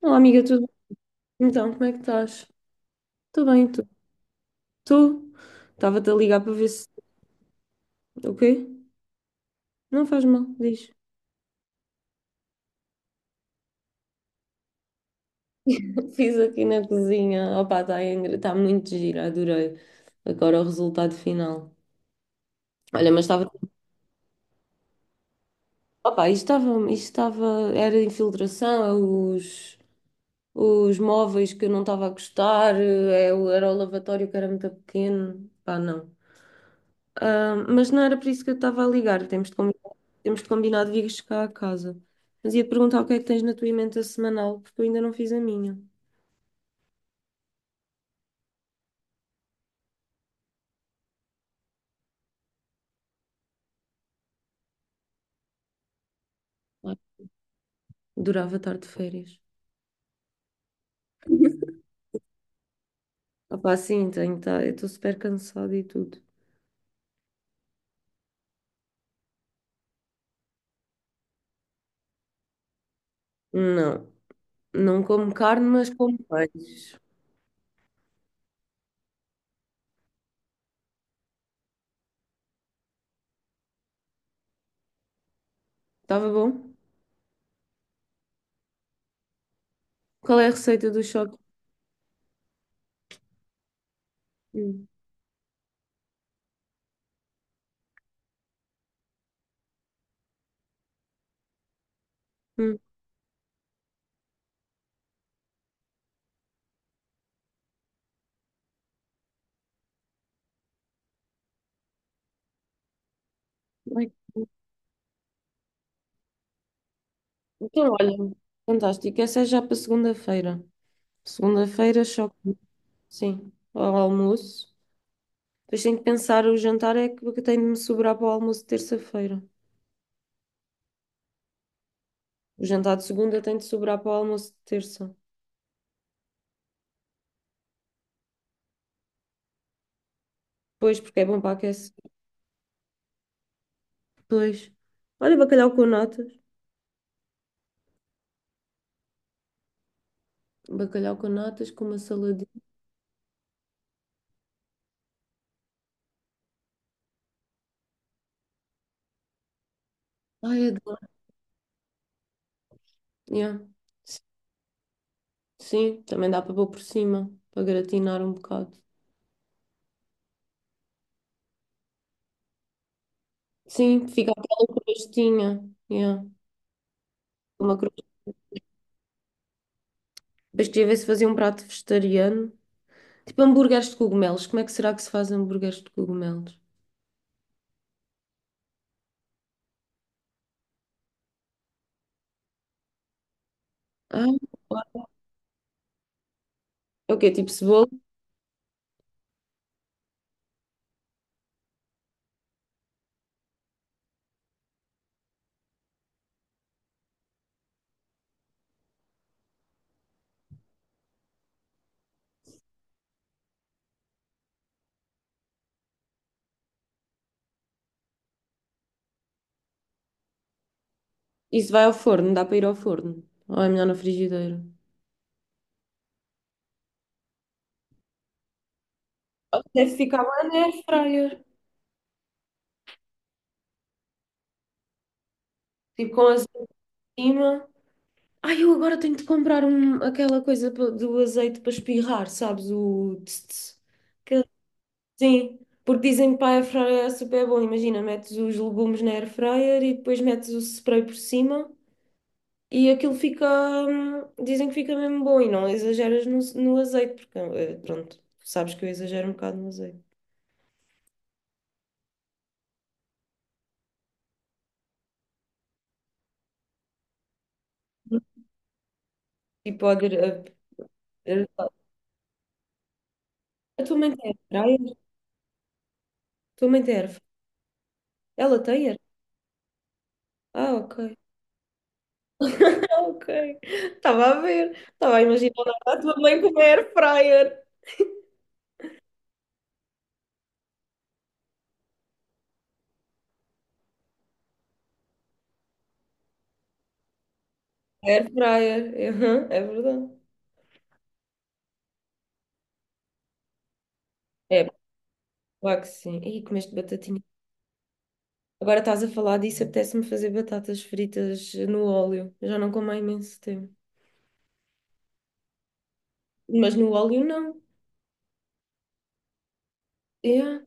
Olá, amiga, tudo bem? Então, como é que estás? Estou bem, tu? Tu? Estava-te a ligar para ver se. O quê? Não faz mal, diz. Fiz aqui na cozinha. Opa, tá muito gira, adorei. Agora o resultado final. Olha, mas estava. Opa, isto estava. Era infiltração, Os móveis que eu não estava a gostar, era o lavatório que era muito pequeno. Pá, não. Ah, mas não era por isso que eu estava a ligar. Temos de combinar de vires cá a casa. Mas ia-te perguntar o que é que tens na tua emenda semanal, porque eu ainda não fiz a minha. Ah, durava estar de férias. Opá, sim, tenho, tá, eu estou super cansada e tudo. Não, não como carne, mas como peixe. Estava bom? Qual é a receita do choque? Hum, hum. Ai, então, olha, fantástico. Essa é já para segunda-feira. Segunda-feira, choque. Sim, ao almoço. Depois tenho que pensar, o jantar é que tem de me sobrar para o almoço de terça-feira. O jantar de segunda tem de sobrar para o almoço de terça. Pois, porque é bom para aquecer. Pois. Olha, bacalhau com natas. Bacalhau com natas, com uma saladinha. Ai, adoro. Yeah. S- Sim, também dá para pôr por cima, para gratinar um bocado. Sim, fica aquela crostinha. Yeah. Uma crosta. Depois queria ver se fazia um prato vegetariano. Tipo hambúrgueres de cogumelos. Como é que será que se faz hambúrgueres de cogumelos? Ah, é o quê? Tipo cebola? Isso vai ao forno, dá para ir ao forno. Ou é melhor na frigideira? Ou deve ficar bem na airfryer. Tipo com azeite em cima. Ai, eu agora tenho de comprar um, aquela coisa do azeite para espirrar, sabes? O tss, tss. Que- Sim, porque dizem que para a airfryer é super bom. Imagina, metes os legumes na airfryer e depois metes o spray por cima e aquilo fica. Dizem que fica mesmo bom e não exageras no azeite, porque pronto, sabes que eu exagero um bocado no azeite. Tipo, A tua mãe tem erva? Ela tem erva? Ah, ok. Ok. Estava a ver. Estava a imaginar a tua mãe como air fryer. Air fryer. Aham, é verdade. É, claro que sim. E comeste batatinha. Agora estás a falar disso, apetece-me fazer batatas fritas no óleo. Eu já não como há imenso tempo. Mas no óleo não. É.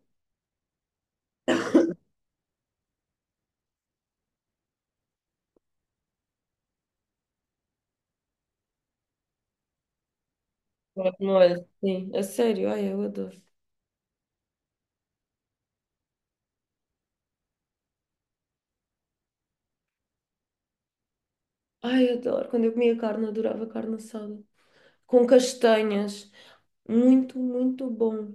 Agora com molho, sim, a sério. Ai, eu adoro. Ai, eu adoro. Quando eu comia carne, adorava carne assada com castanhas. Muito, muito bom.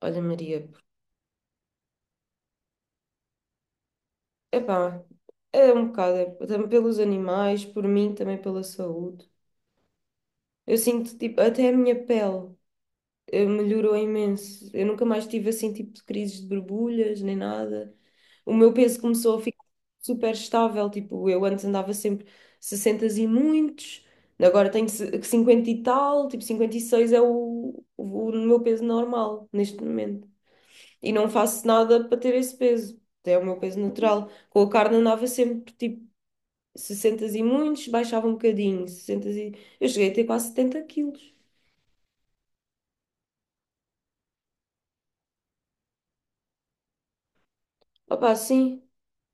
Olha, Maria, epá, é um bocado, é, também pelos animais, por mim, também pela saúde. Eu sinto, tipo, até a minha pele melhorou imenso. Eu nunca mais tive, assim, tipo, de crises de borbulhas, nem nada. O meu peso começou a ficar super estável, tipo, eu antes andava sempre 60 e muitos, agora tenho 50 e tal, tipo, 56 é o meu peso normal, neste momento. E não faço nada para ter esse peso. É o meu peso natural. Com a carne andava sempre tipo 60 e muitos, baixava um bocadinho, Eu cheguei a ter quase 70 quilos. Opá, sim,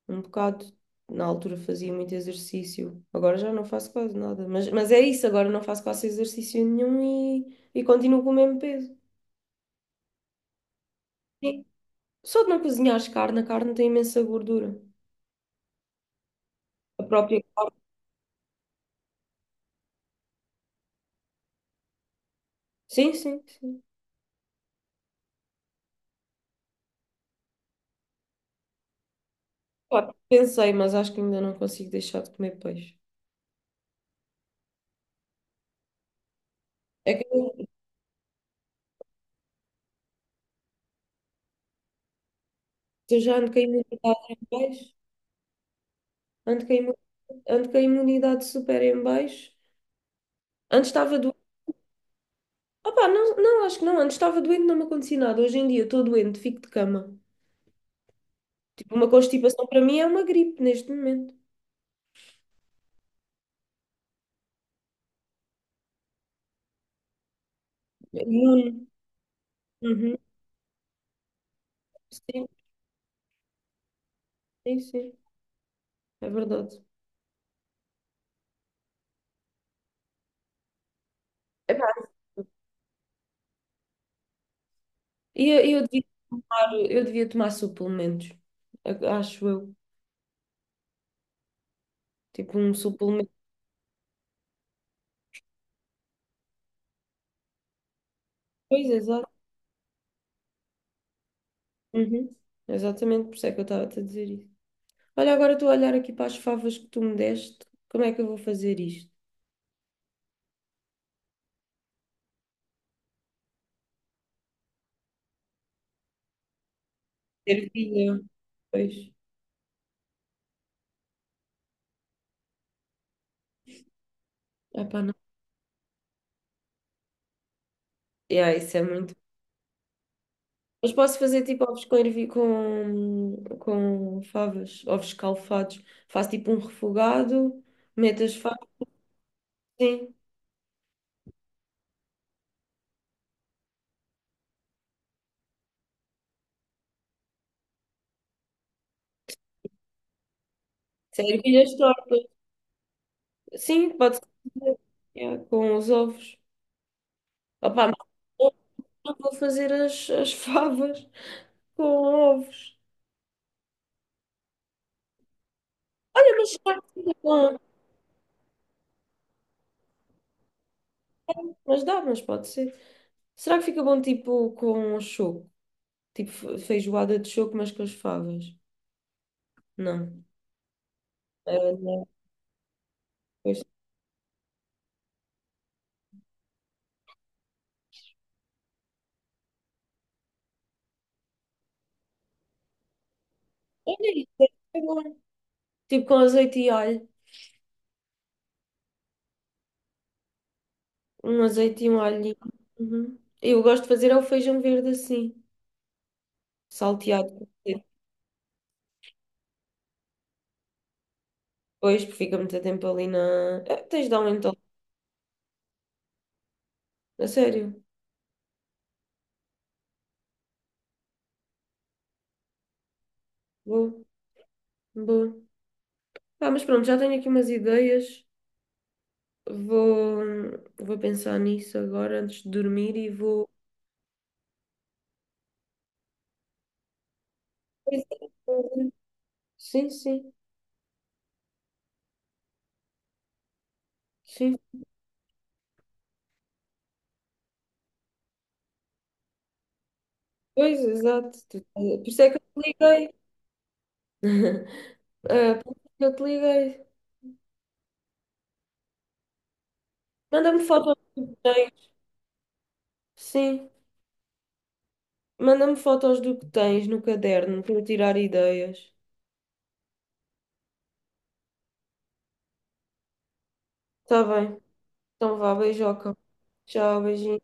um bocado. Na altura fazia muito exercício, agora já não faço quase nada. Mas é isso, agora não faço quase exercício nenhum e, e continuo com o mesmo peso. Sim. Só de não cozinhares carne, a carne tem imensa gordura. A própria. Sim, sim, sim. Pá, pensei, mas acho que ainda não consigo deixar de comer peixe. É que eu já ando com a imunidade em baixo, ando com a imu- ando com a imunidade super em baixo. Antes estava doente. Opá, não, não, acho que não. Antes estava doente, não me acontecia nada. Hoje em dia estou doente, fico de cama. Tipo, uma constipação para mim é uma gripe neste momento. Imune. Uhum. Sim, sim, sim. É verdade. Epá, e eu devia tomar suplementos, acho eu. Tipo, um suplemento. Pois, exato. Uhum. Exatamente, por isso é que eu estava a te dizer isso. Olha, agora estou a olhar aqui para as favas que tu me deste. Como é que eu vou fazer isto? Ervilha, pois. Ah, pá, não. Yeah, isso é muito. Mas posso fazer tipo ovos com favas, ovos escalfados. Faço tipo um refogado, meto as favas, sim. Sem ervilhas tortas. Sim, pode ser. Yeah, com os ovos. Opa, mas eu não vou fazer as favas com ovos. Olha, mas pode ser. Será que fica bom tipo com choco? Tipo feijoada de choco, mas com as favas? Não. Ah, não. Pois. Olha isso, deve ser bom. Tipo com azeite e alho. Um azeite e um alho. Uhum. Eu gosto de fazer é o feijão verde assim, salteado. Depois porque fica muito tempo ali na. É, tens de dar um então. A sério. Vou. Vou. Ah, mas pronto, já tenho aqui umas ideias. Vou, vou pensar nisso agora antes de dormir e vou. Pois é, pois é. Sim, sim. Sim. Pois, exato. Por isso é que eu te liguei. Ah, por isso é que eu te liguei. Manda-me fotos do que tens. Sim, manda-me fotos do que tens no caderno para eu tirar ideias. Está bem. Então vá, beijoca. Tchau, beijinho.